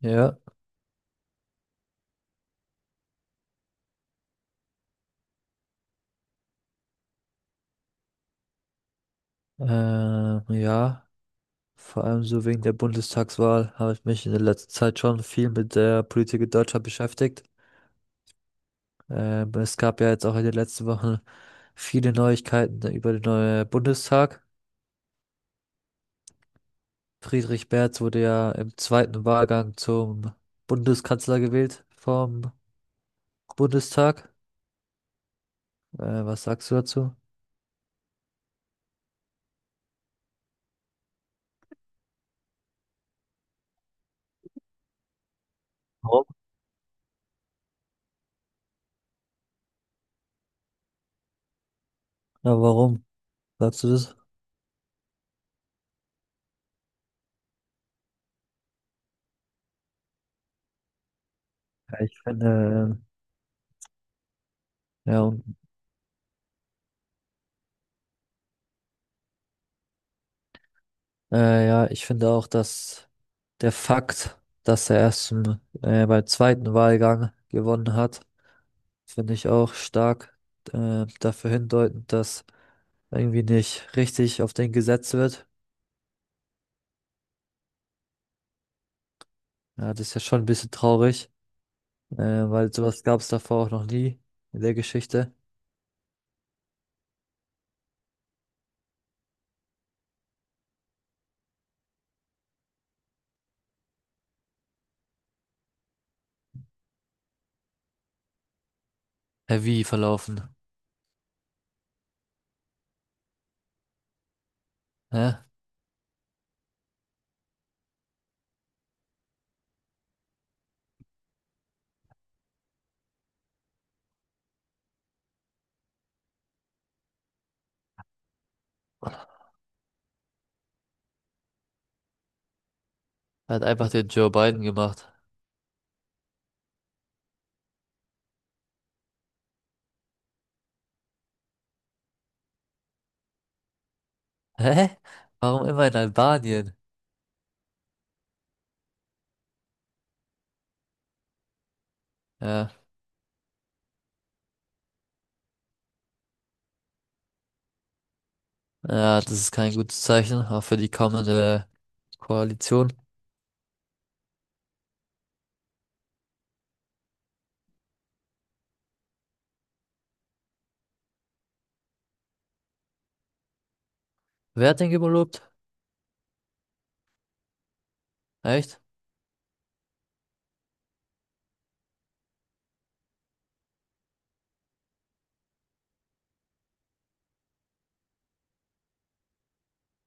Ja, äh, ja, vor allem so wegen der Bundestagswahl habe ich mich in der letzten Zeit schon viel mit der Politik in Deutschland beschäftigt. Es gab ja jetzt auch in den letzten Wochen viele Neuigkeiten über den neuen Bundestag. Friedrich Merz wurde ja im zweiten Wahlgang zum Bundeskanzler gewählt vom Bundestag. Was sagst du dazu? Warum? Ja, warum sagst du das? Ja, ich finde, ja, ja, ich finde auch, dass der Fakt, dass er erst im, beim zweiten Wahlgang gewonnen hat, finde ich auch stark dafür hindeutend, dass irgendwie nicht richtig auf den gesetzt wird. Ja, das ist ja schon ein bisschen traurig, äh, weil sowas gab es davor auch noch nie in der Geschichte. Hä, wie verlaufen? Hä? Hat einfach den Joe Biden gemacht. Hä? Warum immer in Albanien? Ja, ja, das ist kein gutes Zeichen, auch für die kommende Koalition. Wer hat den gelobt? Echt?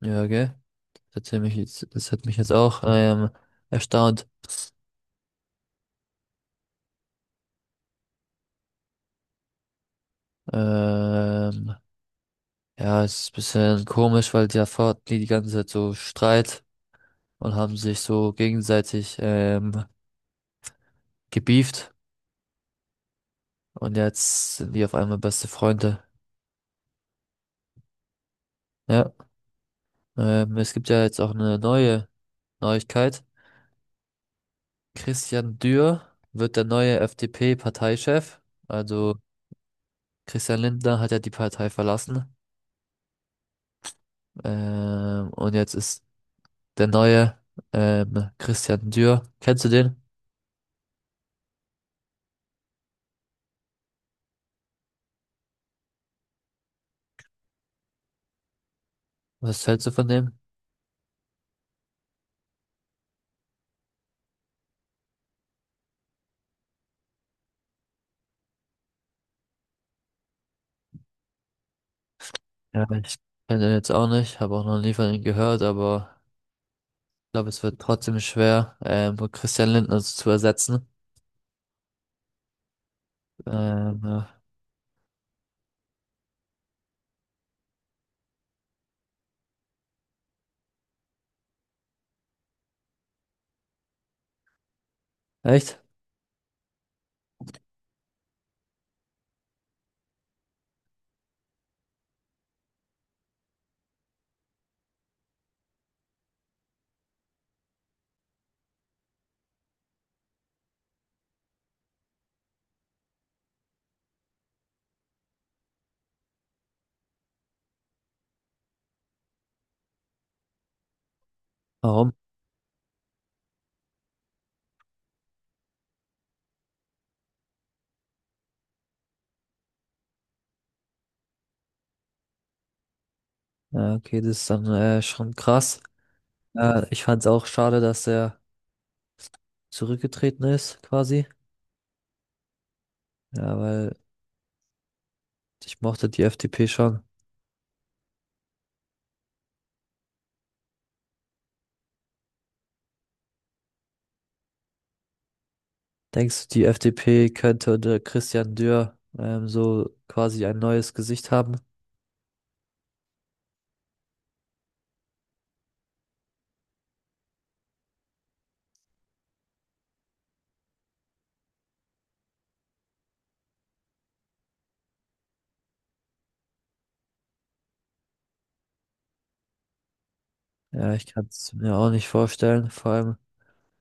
Ja, okay. Das hat mich jetzt auch erstaunt. Ähm, ja, es ist ein bisschen komisch, weil davor hatten die die ganze Zeit so Streit und haben sich so gegenseitig gebieft und jetzt sind die auf einmal beste Freunde. Ja, es gibt ja jetzt auch eine neue Neuigkeit. Christian Dürr wird der neue FDP-Parteichef. Also Christian Lindner hat ja die Partei verlassen. Und jetzt ist der neue Christian Dior. Kennst du den? Was hältst du von dem? Ja, ich kenne den jetzt auch nicht, habe auch noch nie von ihm gehört, aber ich glaube, es wird trotzdem schwer, Christian Lindner zu ersetzen. Ja. Echt? Warum? Ja, okay, das ist dann schon krass. Ja, ich fand es auch schade, dass er zurückgetreten ist, quasi. Ja, weil ich mochte die FDP schon. Denkst du, die FDP könnte unter Christian Dürr so quasi ein neues Gesicht haben? Ja, ich kann es mir auch nicht vorstellen. Vor allem,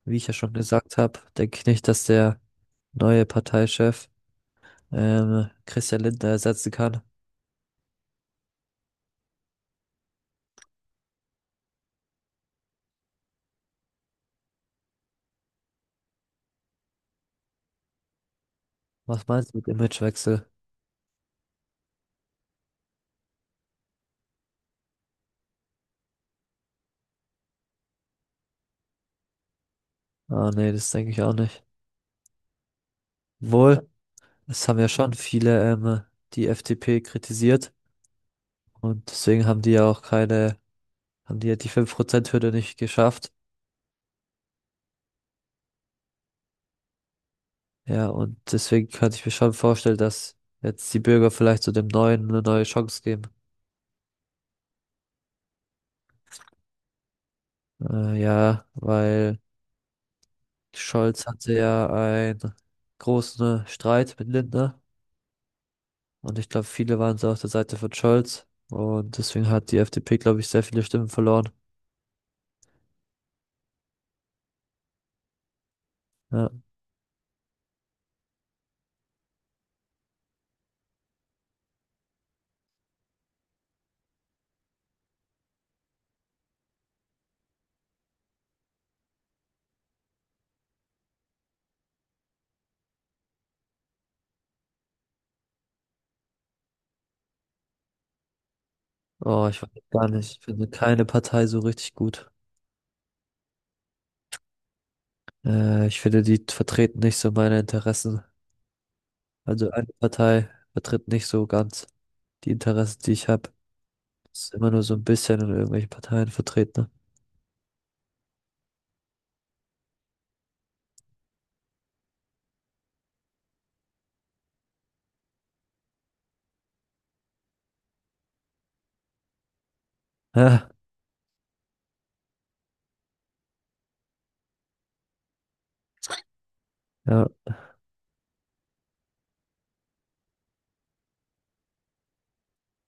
wie ich ja schon gesagt habe, denke ich nicht, dass der neue Parteichef Christian Lindner ersetzen kann. Was meinst du mit Imagewechsel? Ah, nee, das denke ich auch nicht. Wohl, es haben ja schon viele die FDP kritisiert und deswegen haben die ja die 5% hürde nicht geschafft. Ja, und deswegen könnte ich mir schon vorstellen, dass jetzt die Bürger vielleicht so dem Neuen eine neue Chance geben. Ja, weil Scholz hatte ja einen großen Streit mit Lindner und ich glaube, viele waren so auf der Seite von Scholz und deswegen hat die FDP, glaube ich, sehr viele Stimmen verloren. Ja. Oh, ich weiß gar nicht. Ich finde keine Partei so richtig gut. Ich finde, die vertreten nicht so meine Interessen. Also eine Partei vertritt nicht so ganz die Interessen, die ich habe. Ist immer nur so ein bisschen in irgendwelchen Parteien vertreten. Ne? Ja,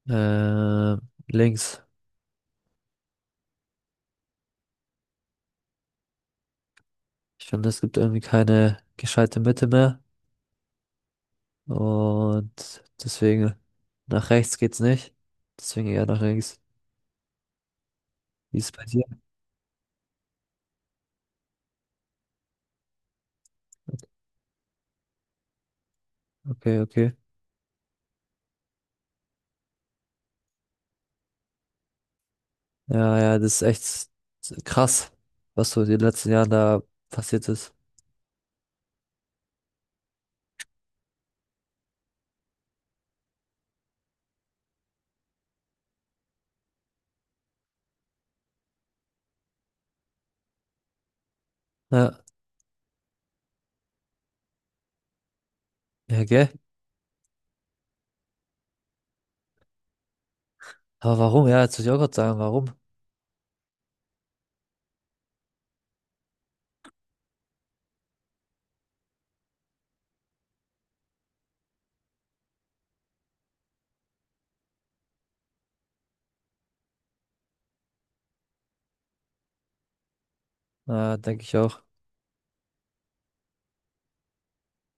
ja. Links. Ich finde, es gibt irgendwie keine gescheite Mitte mehr. Und deswegen nach rechts geht's nicht. Deswegen eher nach links. Wie ist es bei dir? Okay, okay. Ja, ja, das ist echt krass, was so in den letzten Jahren da passiert ist. Ja, ja, gell? Aber warum? Ja, jetzt muss ich auch gerade sagen, warum? Denke ich auch.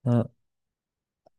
Ja.